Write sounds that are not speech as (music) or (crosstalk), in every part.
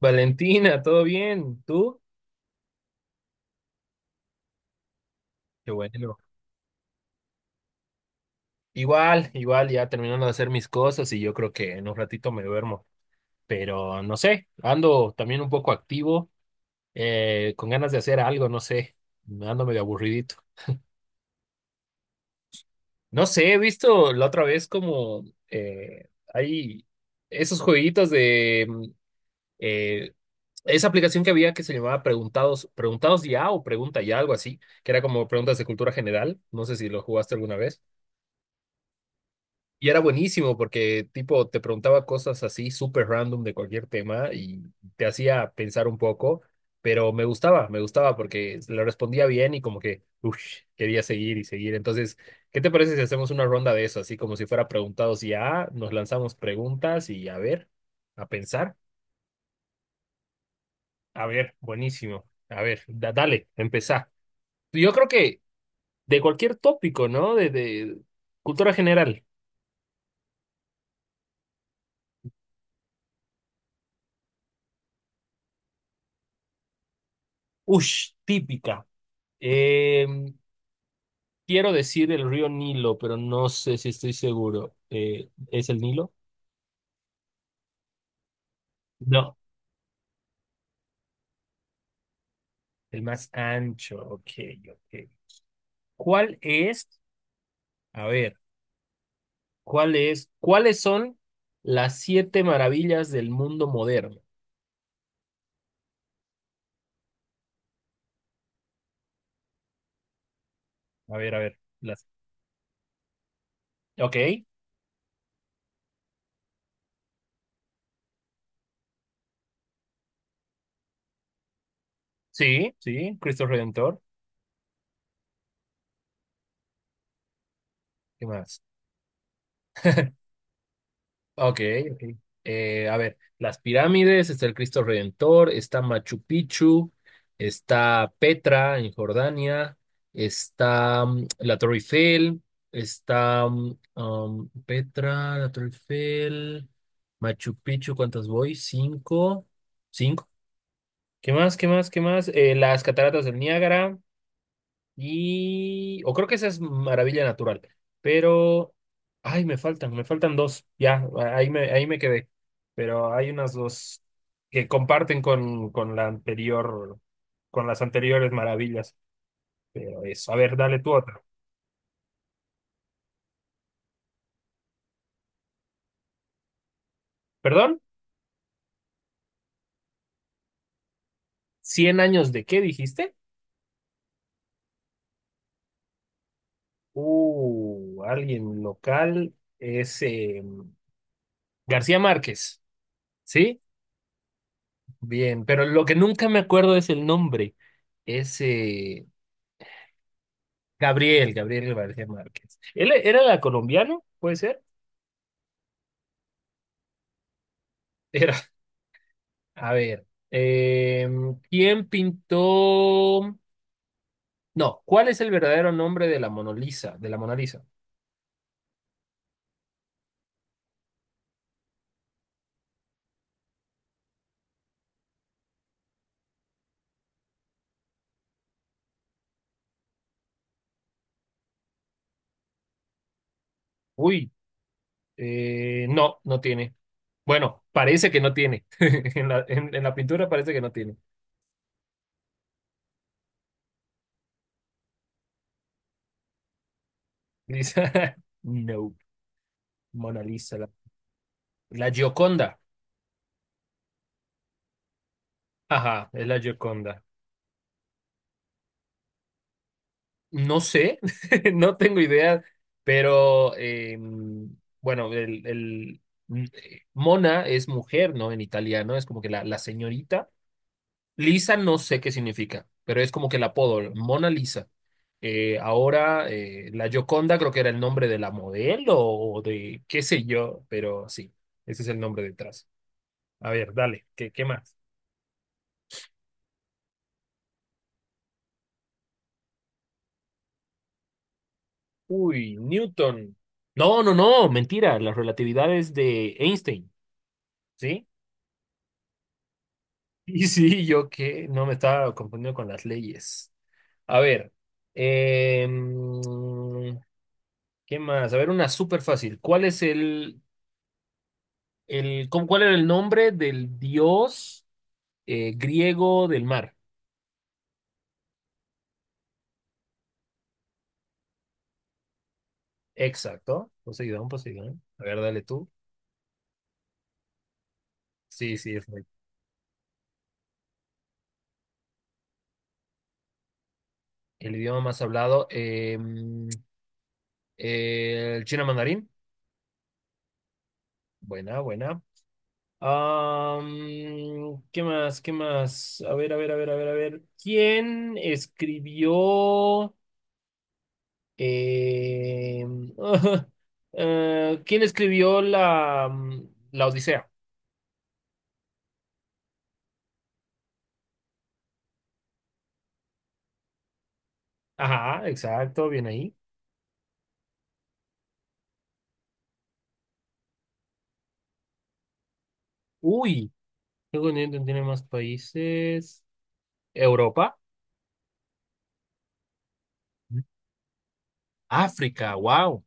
Valentina, ¿todo bien? ¿Tú? Qué bueno. Igual, igual, ya terminando de hacer mis cosas y yo creo que en un ratito me duermo. Pero no sé, ando también un poco activo, con ganas de hacer algo, no sé, ando medio aburridito. No sé, he visto la otra vez como hay esos jueguitos de eh, esa aplicación que había que se llamaba Preguntados, Preguntados ya o Pregunta ya, algo así, que era como preguntas de cultura general. No sé si lo jugaste alguna vez. Y era buenísimo porque, tipo, te preguntaba cosas así súper random de cualquier tema y te hacía pensar un poco, pero me gustaba porque le respondía bien y como que, uff, quería seguir y seguir. Entonces, ¿qué te parece si hacemos una ronda de eso? Así como si fuera preguntados y ya, nos lanzamos preguntas y a ver, a pensar. A ver, buenísimo. A ver, dale, empezá. Yo creo que de cualquier tópico, ¿no? De cultura general. Ush, típica. Em, Quiero decir el río Nilo, pero no sé si estoy seguro. ¿Es el Nilo? No, el más ancho. Ok, ok. ¿Cuál es? A ver, ¿cuál es? ¿Cuáles son las siete maravillas del mundo moderno? A ver, a ver. Las... Ok, sí, sí, Cristo Redentor. ¿Qué más? Ok, ok. A ver, las pirámides, está el Cristo Redentor, está Machu Picchu, está Petra en Jordania, está la Torre Eiffel, está Petra, la Torre Eiffel, Machu Picchu, ¿cuántas voy? Cinco, cinco. ¿Qué más? ¿Qué más? ¿Qué más? Las cataratas del Niágara. Y. O creo que esa es Maravilla Natural. Pero. Ay, me faltan dos. Ya, ahí me quedé. Pero hay unas dos que comparten con la anterior, con las anteriores maravillas. Pero eso, a ver, dale tú otra. ¿Perdón? ¿Cien años de qué dijiste? Alguien local es García Márquez. ¿Sí? Bien, pero lo que nunca me acuerdo es el nombre. Es. Gabriel, Gabriel García Márquez. ¿Él era la colombiano? ¿Puede ser? (laughs) Era. A ver. eh, ¿Quién pintó? No, ¿cuál es el verdadero nombre de la Mona Lisa? De la Mona Lisa. Uy, no, no tiene. Bueno, parece que no tiene. (laughs) En en la pintura parece que no tiene. Lisa. (laughs) No, Mona Lisa. La Gioconda. Ajá, es la Gioconda. No sé, (laughs) no tengo idea, pero bueno, Mona es mujer, ¿no? En italiano es como que la señorita. Lisa no sé qué significa, pero es como que el apodo, Mona Lisa. Ahora, la Gioconda creo que era el nombre de la modelo o de qué sé yo, pero sí, ese es el nombre detrás. A ver, dale, ¿qué más? Uy, Newton. No, no, no, mentira, la relatividad es de Einstein, ¿sí? Y sí, yo que no me estaba confundiendo con las leyes. A ver, em, ¿qué más? A ver, una súper fácil. ¿Cuál es cuál era el nombre del dios griego del mar? Exacto. Poseidón, Poseidón. A ver, dale tú. Sí, sí, es el idioma más hablado. El chino mandarín. Buena, buena. ¿Qué más? ¿Qué más? A ver, a ver, a ver, a ver, a ver. ¿Quién escribió? eh, (laughs) ¿Quién escribió la Odisea? Ajá, exacto, bien ahí. Uy, ¿qué continente tiene más países? Europa, Ujú. África, wow,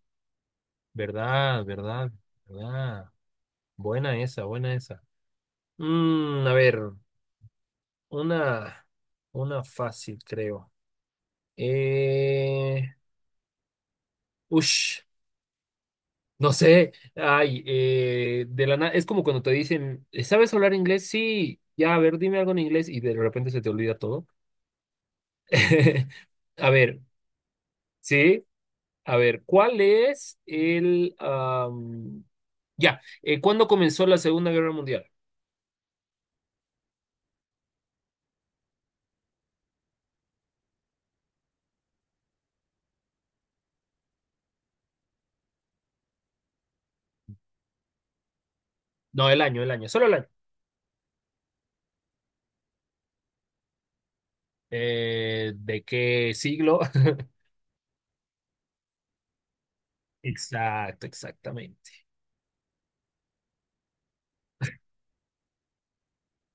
verdad, verdad, verdad. Buena esa, buena esa. A ver, una, una fácil, creo. Eh, Ush, no sé. Ay, de la nada. Es como cuando te dicen, ¿Sabes hablar inglés? Sí, ya, a ver, dime algo en inglés y de repente se te olvida todo. (laughs) A ver, sí. A ver, ¿cuál es el... am, ya, ¿cuándo comenzó la Segunda Guerra Mundial? No, el año, solo el año. ¿De qué siglo? (laughs) Exacto, exactamente.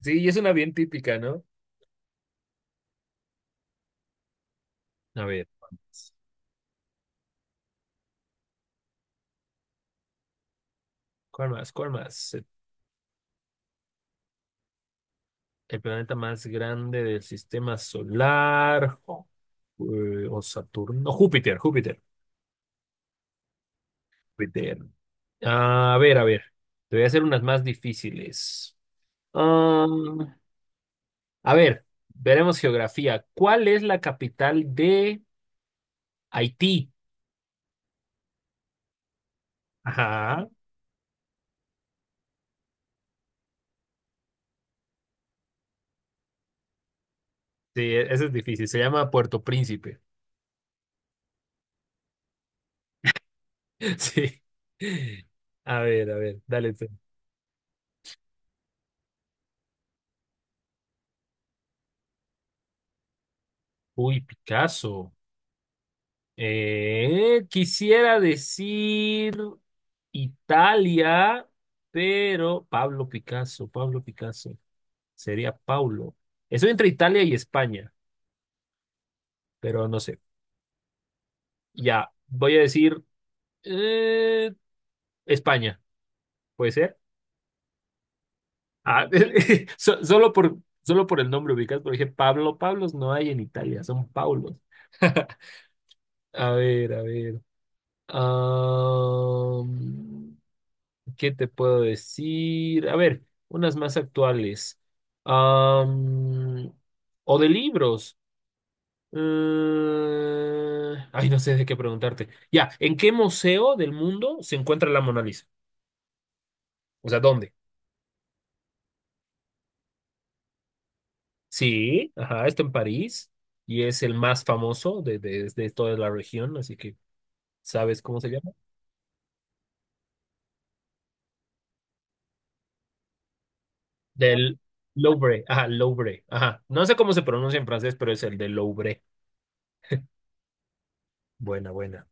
Sí, y es una bien típica, ¿no? A ver, ¿cuál más? ¿Cuál más? ¿Cuál más? El planeta más grande del sistema solar. O Saturno. No, Júpiter, Júpiter, Júpiter. A ver, a ver. Te voy a hacer unas más difíciles. Um, a ver, veremos geografía. ¿Cuál es la capital de Haití? Ajá. Sí, eso es difícil. Se llama Puerto Príncipe. (laughs) Sí. A ver, dale, tú. Uy, Picasso. Quisiera decir Italia, pero Pablo Picasso, Pablo Picasso, sería Paulo. Estoy entre Italia y España, pero no sé. Ya, voy a decir eh, España, ¿puede ser? Ah, (laughs) so- solo por, solo por el nombre ubicas, porque dije Pablo, Pablos no hay en Italia, son Paulos. A ver, a ver. Ah, ¿qué te puedo decir? A ver, unas más actuales. Am, o de libros. Ay, no sé de qué preguntarte. Ya, ¿en qué museo del mundo se encuentra la Mona Lisa? O sea, ¿dónde? Sí, ajá, está en París y es el más famoso de toda la región, así que ¿sabes cómo se llama? Del Louvre, ajá, Louvre, ajá. No sé cómo se pronuncia en francés, pero es el del Louvre. Buena, buena.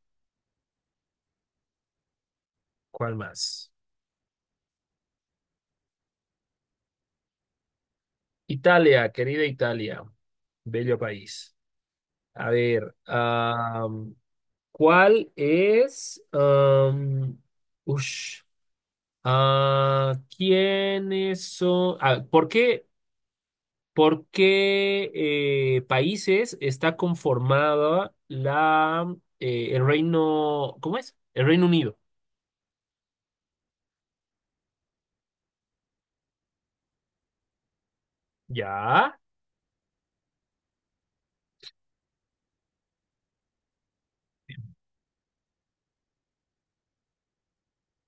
¿Cuál más? Italia, querida Italia, bello país. A ver, ¿cuál es? Ush, ah, ¿quiénes son? Ah, ¿por qué países está conformada la el Reino, ¿cómo es? El Reino Unido. Ya,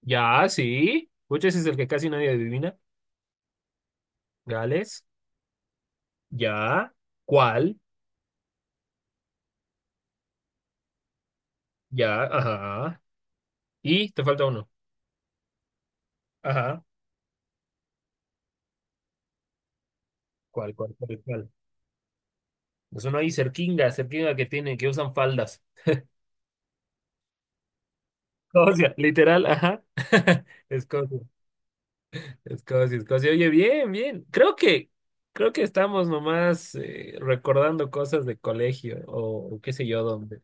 ya, sí. Pucha, ese es el que casi nadie adivina. Gales, ya. ¿Cuál? Ya, ajá. Y te falta uno. Ajá. ¿Cuál, cuál, cuál, cuál? Es uno ahí cerquinga, cerquinga que tiene, que usan faldas. Escocia, literal, ajá. (laughs) Escocia, Escocia, Escocia. Oye, bien, bien. Creo que estamos nomás recordando cosas de colegio o qué sé yo dónde.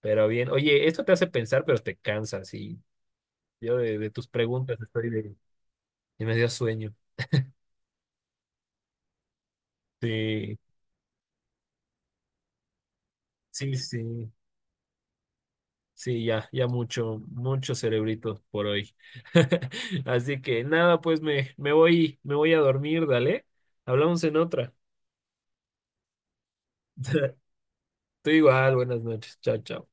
Pero bien, oye, esto te hace pensar, pero te cansas. Y yo de tus preguntas estoy de, y me dio sueño. Sí, sí, sí. Sí, ya, ya mucho, mucho cerebrito por hoy. (laughs) Así que nada, pues me voy a dormir, dale. Hablamos en otra. (laughs) Tú igual, buenas noches. Chao, chao.